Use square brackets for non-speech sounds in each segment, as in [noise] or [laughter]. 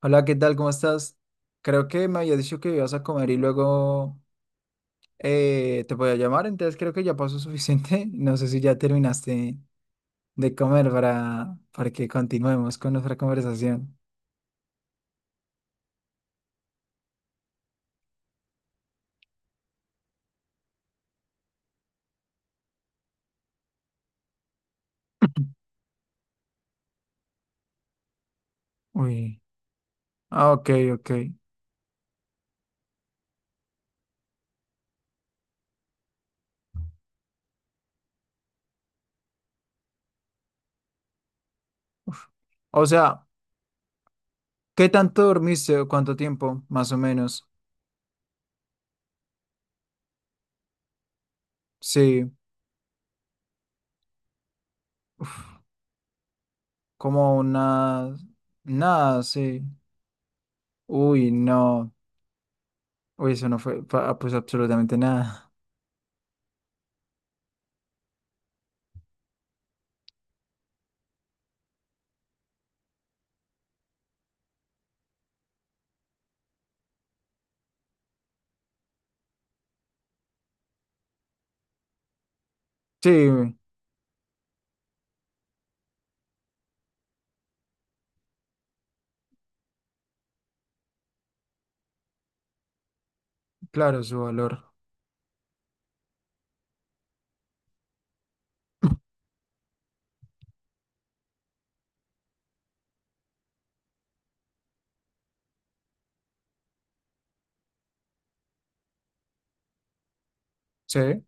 Hola, ¿qué tal? ¿Cómo estás? Creo que me había dicho que ibas a comer y luego te voy a llamar, entonces creo que ya pasó suficiente. [laughs] No sé si ya terminaste de comer para que continuemos con nuestra conversación. Uy. Ah, ok, ok. Uf. O sea, ¿qué tanto dormiste o cuánto tiempo, más o menos? Sí. Uf. Como una. Nada, sí. Uy, no. Uy, eso no fue, pues absolutamente nada. [laughs] Sí, claro, su valor. Sí.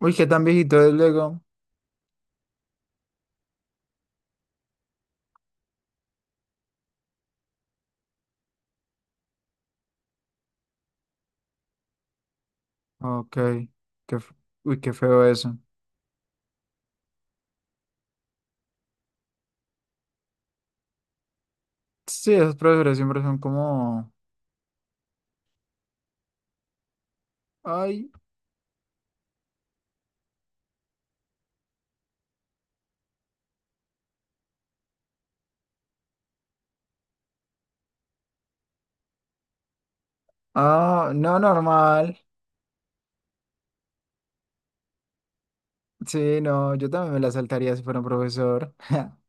Uy, ¿qué tan viejito es luego? Ok. Qué, f- uy, qué feo eso. Sí, esos profesores siempre son como. Ay. Ah, no, normal. Sí, no, yo también me la saltaría si fuera un profesor. [laughs]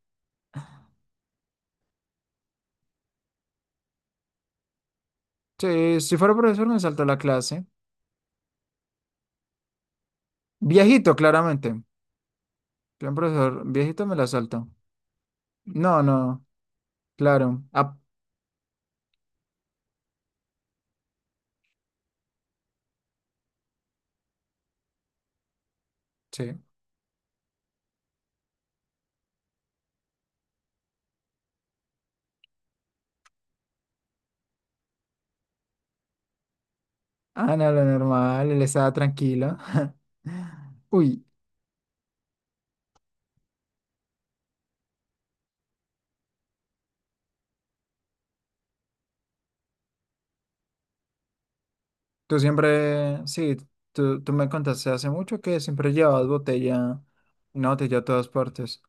Sí, si fuera profesor me salto la clase. Viejito, claramente. Si un profesor viejito me la salto. No, no, claro. Ah, sí. Ah, no, lo normal, él estaba tranquilo. [laughs] Uy. Tú siempre, sí, tú me contaste hace mucho que siempre llevabas botella, una botella a todas partes.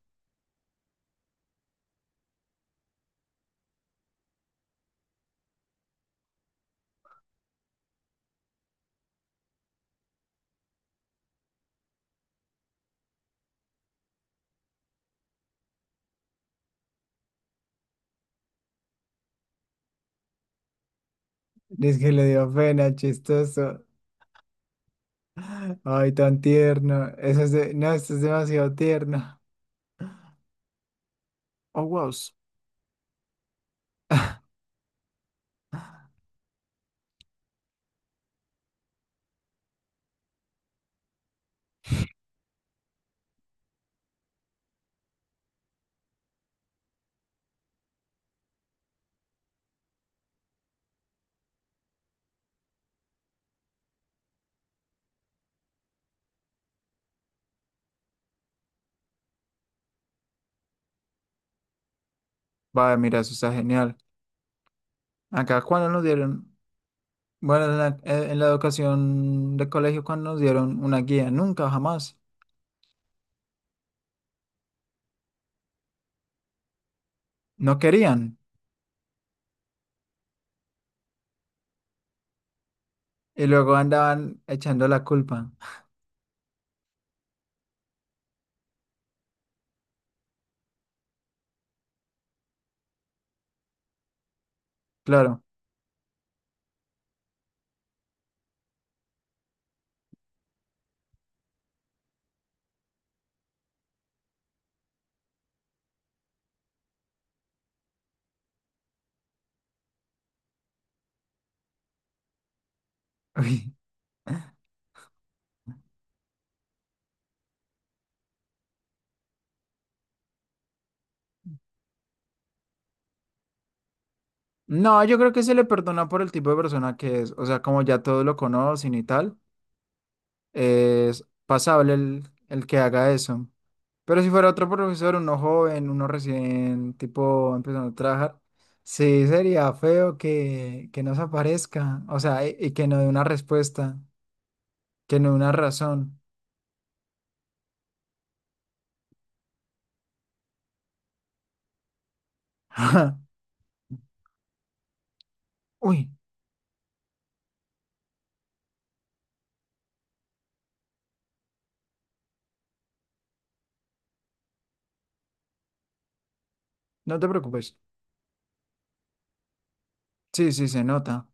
Dice que le dio pena, chistoso. Ay, tan tierno. No, esto es demasiado tierno. Oh, wow. Vaya, mira, eso está genial. ¿Acá, cuándo nos dieron? Bueno, en la educación de colegio, ¿cuando nos dieron una guía? Nunca, jamás. No querían. Y luego andaban echando la culpa. Claro. [laughs] No, yo creo que se le perdona por el tipo de persona que es. O sea, como ya todos lo conocen y tal, es pasable el que haga eso. Pero si fuera otro profesor, uno joven, uno recién tipo empezando a trabajar, sí sería feo que no se aparezca. O sea, y que no dé una respuesta, que no dé una razón. [laughs] Uy, no te preocupes. Sí, sí, se nota.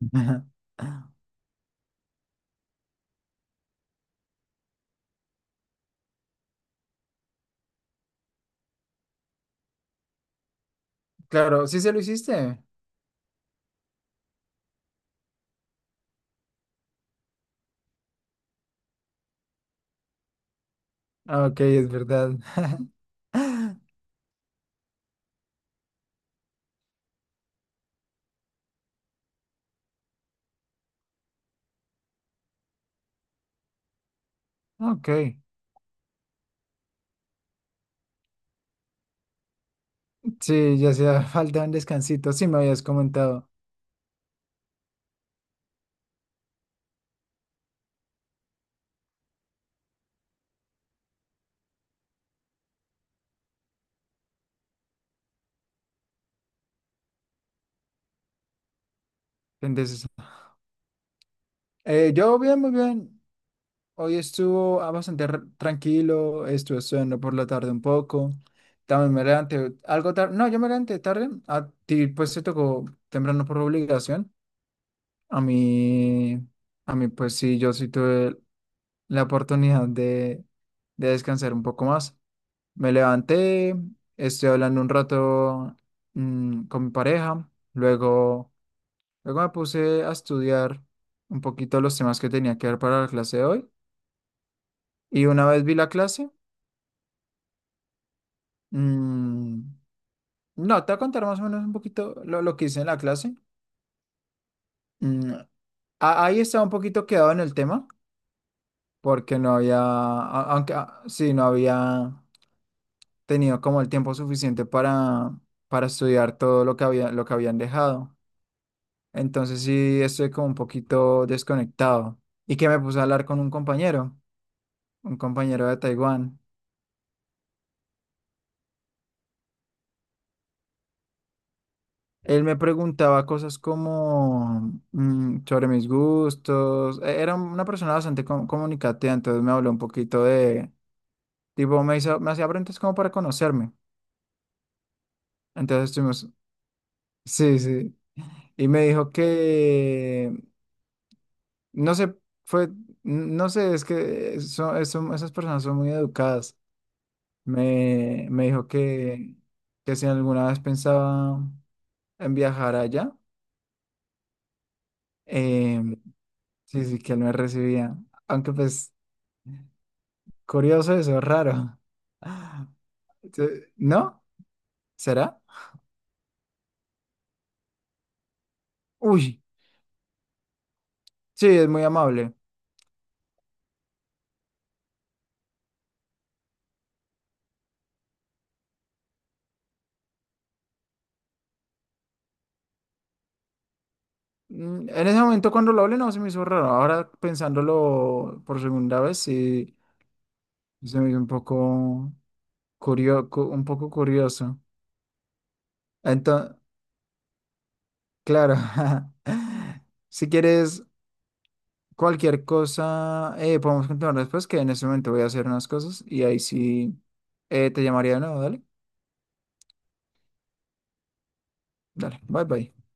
[laughs] Claro, sí se lo hiciste. Ah, ok, es verdad. [laughs] Ok. Sí, ya hacía [laughs] falta un descansito. Sí, me habías comentado. Entonces, yo bien, muy bien. Hoy estuvo tranquilo. Estuve estudiando por la tarde un poco. También me levanté algo tarde. No, yo me levanté tarde. A ti, pues, te tocó temprano por obligación. A mí, a mí, pues, sí, yo sí tuve la oportunidad de descansar un poco más. Me levanté, estoy hablando un rato con mi pareja. Luego. Luego me puse a estudiar un poquito los temas que tenía que ver para la clase de hoy. Y una vez vi la clase, mm, no, te voy a contar más o menos un poquito lo que hice en la clase. Mm, ahí estaba un poquito quedado en el tema, porque no había, sí, no había tenido como el tiempo suficiente para estudiar todo lo que había, lo que habían dejado. Entonces sí, estoy como un poquito desconectado. Y que me puse a hablar con un compañero de Taiwán. Él me preguntaba cosas como sobre mis gustos. Era una persona bastante comunicativa, entonces me habló un poquito de, tipo, me hacía preguntas como para conocerme. Entonces estuvimos, sí, sí. Y me dijo que, no sé, fue, no sé, es que son, esas personas son muy educadas. Me dijo que si alguna vez pensaba en viajar allá, em, sí, sí, que él me recibía. Aunque pues. Curioso eso, raro. ¿No? ¿Será? Uy, sí, es muy amable. Mm, en ese momento cuando lo hablé no se me hizo raro. Ahora pensándolo por segunda vez sí se me hizo un poco curioso, un poco curioso. Entonces, claro, [laughs] si quieres cualquier cosa, podemos continuar después, que en ese momento voy a hacer unas cosas y ahí sí te llamaría de nuevo. Dale, dale, bye bye.